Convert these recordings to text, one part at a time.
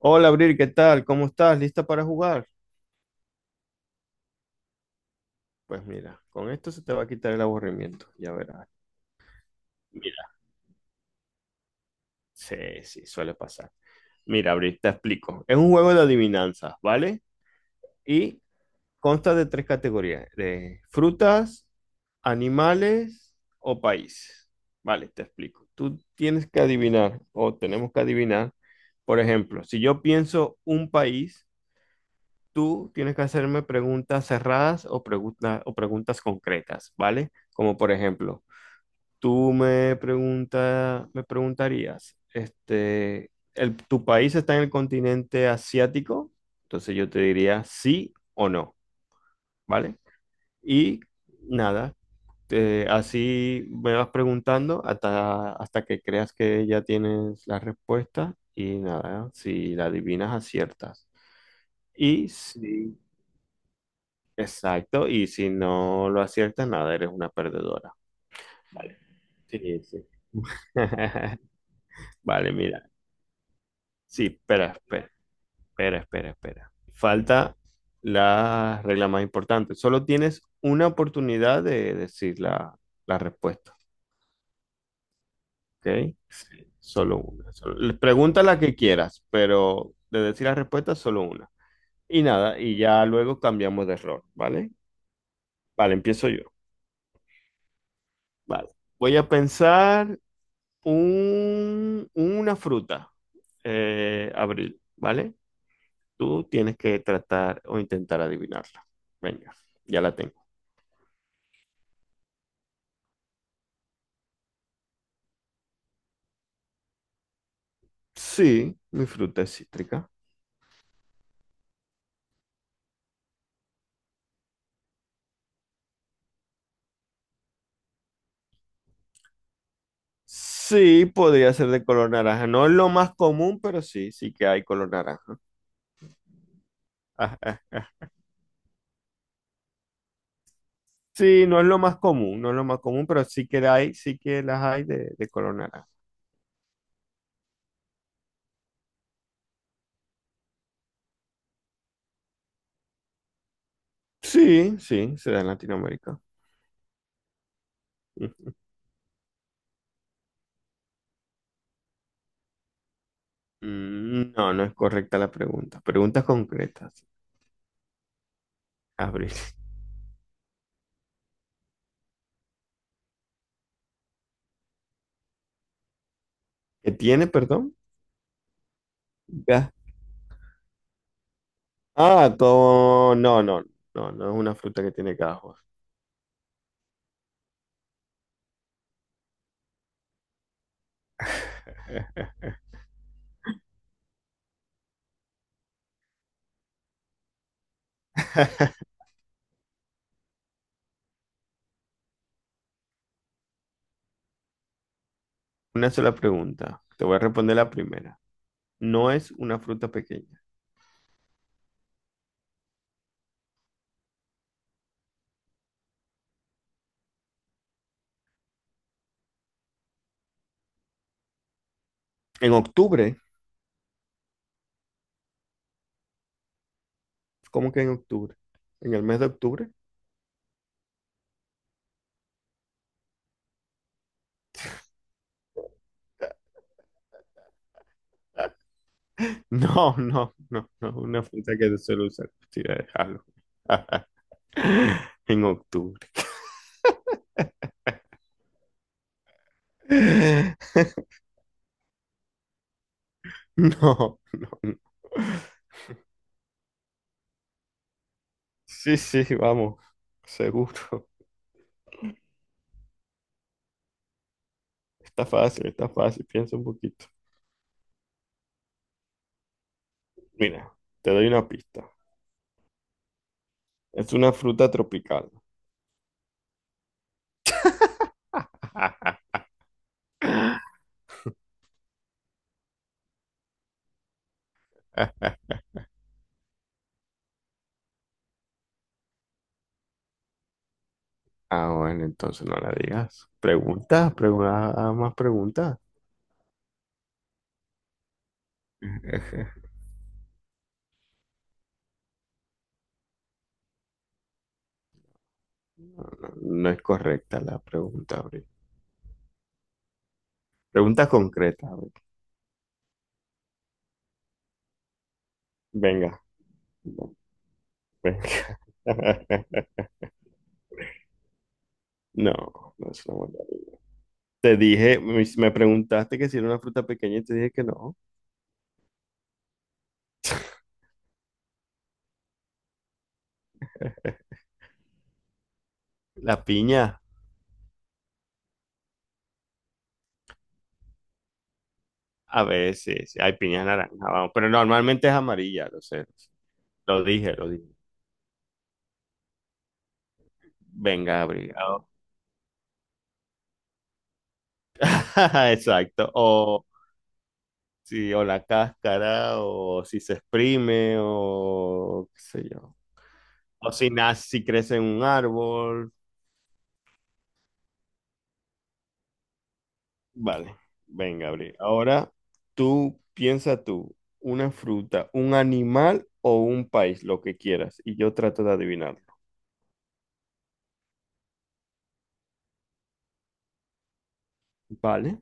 Hola, Abril, ¿qué tal? ¿Cómo estás? ¿Lista para jugar? Pues mira, con esto se te va a quitar el aburrimiento, ya verás. Mira, sí, sí, suele pasar. Mira, Abril, te explico. Es un juego de adivinanzas, ¿vale? Y consta de tres categorías, de frutas, animales o países. Vale, te explico. Tú tienes que adivinar o tenemos que adivinar, por ejemplo, si yo pienso un país. Tú tienes que hacerme preguntas cerradas o, o preguntas concretas, ¿vale? Como por ejemplo, me preguntarías, ¿tu país está en el continente asiático? Entonces yo te diría sí o no, ¿vale? Y nada, así me vas preguntando hasta que creas que ya tienes la respuesta y nada, si la adivinas, aciertas. Y si... Exacto, y si no lo aciertas, nada, eres una perdedora. Vale. Sí, sí, sí. Vale, mira. Sí, espera. Falta la regla más importante. Solo tienes una oportunidad de decir la respuesta, ¿ok? Sí. Solo una. Pregunta la que quieras, pero de decir la respuesta, solo una. Y nada, y ya luego cambiamos de error, ¿vale? Vale, empiezo yo. Vale. Voy a pensar una fruta, Abril, ¿vale? Tú tienes que tratar o intentar adivinarla. Venga, ya la tengo. Sí, mi fruta es cítrica. Sí, podría ser de color naranja. No es lo más común, pero sí, sí que hay color naranja. Ajá. Sí, no es lo más común, no es lo más común, pero sí que hay, sí que las hay de color naranja. Sí, sí, se da en Latinoamérica. Ujú. No, no es correcta la pregunta. Preguntas concretas. Abril. ¿Qué tiene, perdón? Ga- Ah, con... No, no, no, no es una fruta que tiene gajos. Una sola pregunta. Te voy a responder la primera. No es una fruta pequeña. En octubre, ¿cómo que en octubre? ¿En el mes de octubre? No, no, no, no, una fruta que se suele usar. Sí, déjalo. En octubre. No, no, no. Sí, sí, vamos, seguro. Está fácil, piensa un poquito. Mira, te doy una pista. Es una fruta tropical. Ah, bueno, entonces no la digas. Pregunta, pregunta, más preguntas. No, no, no es correcta la pregunta, Abril. Pregunta concreta, Abril. Venga, venga. No, no es una buena. Te dije, me preguntaste que si era una fruta pequeña y te dije que no. La piña. A ver, sí, sí, hay piña naranja, vamos. Pero normalmente es amarilla, lo sé. Lo dije, lo dije. Venga, abrigado. Exacto. O sí, o la cáscara, o si se exprime, o qué sé yo. O si nace, si crece en un árbol. Vale, venga, abrigado. Ahora, tú piensa tú, una fruta, un animal o un país, lo que quieras. Y yo trato de adivinarlo. Vale,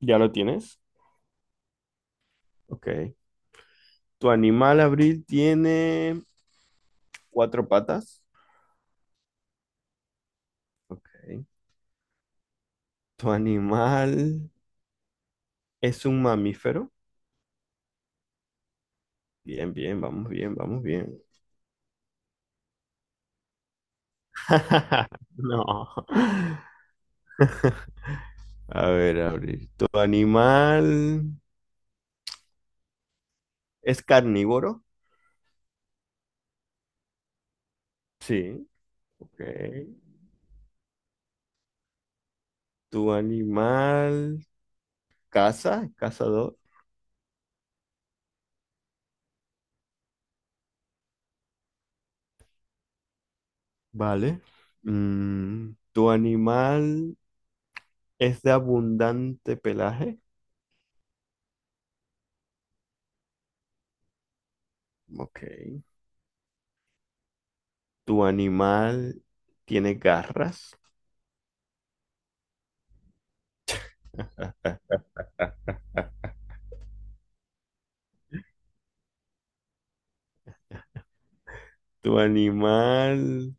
¿ya lo tienes? Ok. Tu animal, Abril, tiene... cuatro patas. Ok. ¿Tu animal es un mamífero? Bien, bien, vamos bien, vamos bien. No. A ver, abrir. ¿Tu animal es carnívoro? Sí. Ok. ¿Tu animal caza? ¿Cazador? Vale. ¿Tu animal es de abundante pelaje? Ok. ¿Tu animal tiene garras? ¿Tu animal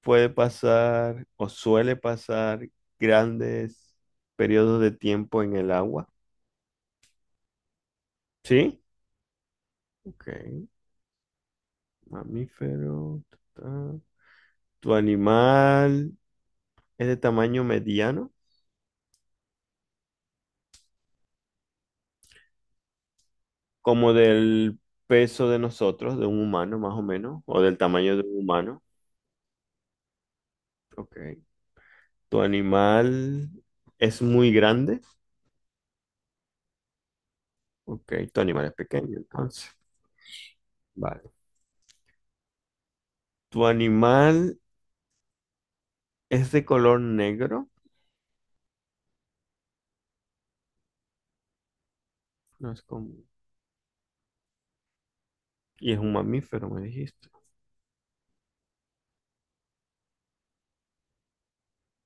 puede pasar o suele pasar grandes periodos de tiempo en el agua? ¿Sí? Ok. Mamífero. Ta, ta. ¿Tu animal es de tamaño mediano? Como del peso de nosotros, de un humano más o menos, o del tamaño de un humano. Ok. ¿Tu animal es muy grande? Ok. Tu animal es pequeño, entonces. Vale. ¿Tu animal es de color negro? No es común. Y es un mamífero, me dijiste.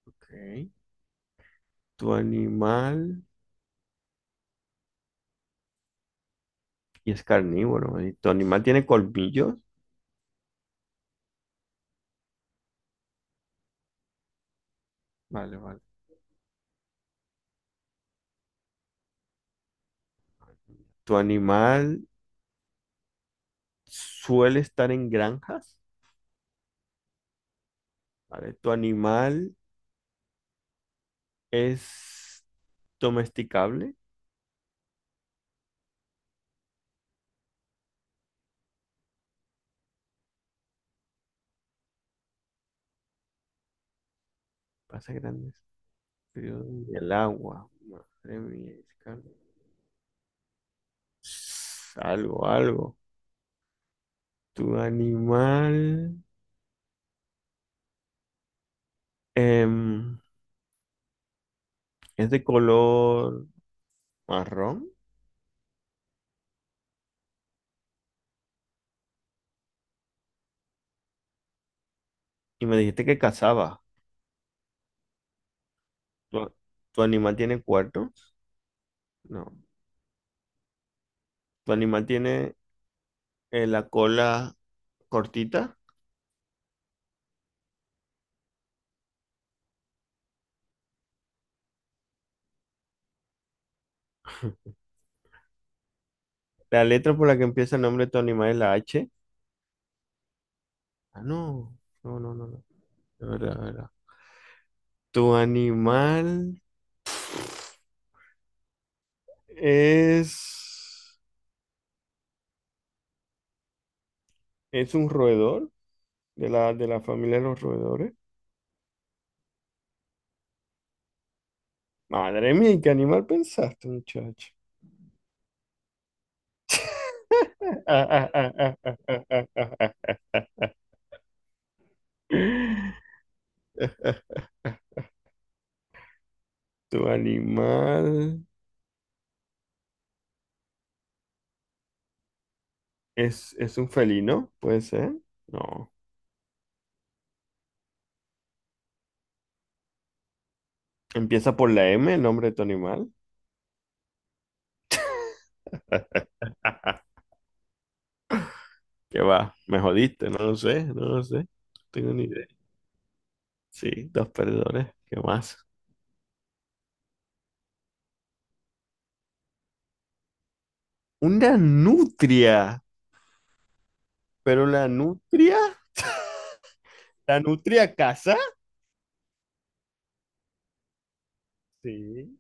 Ok. Tu animal, y es carnívoro, ¿eh? Tu animal tiene colmillos. Vale, vale. Tu animal suele estar en granjas, ¿vale? Tu animal es domesticable. Pasa grandes periodos en el agua. Madre mía, es carne. Algo, algo. Tu animal em, es de color marrón y me dijiste que cazaba. ¿Tu, ¿Tu animal tiene cuernos? No. Tu animal tiene la cola cortita. La letra por la que empieza el nombre de tu animal es la H. Ah, no. No, no, no, no. De verdad, de verdad. Tu animal es. Es un roedor de la familia de los roedores. Madre mía, ¿y qué animal pensaste, muchacho? Tu animal es un felino, puede ser. No. Empieza por la M, el nombre de tu animal. ¿Qué va? ¿Me jodiste? No lo sé, no lo sé. No tengo ni idea. Sí, dos perdedores. ¿Qué más? Una nutria. ¿Pero la nutria? ¿La nutria casa? Sí.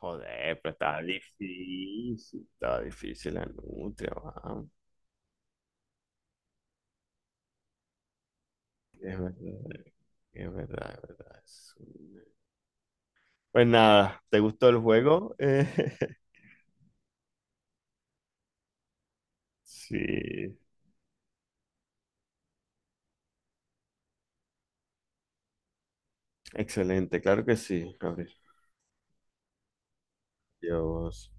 Joder, pero estaba difícil. Estaba difícil la nutria, va. Es verdad, es verdad, es verdad. Sí. Pues nada, ¿te gustó el juego? Sí. Excelente, claro que sí, Gabriel. Dios.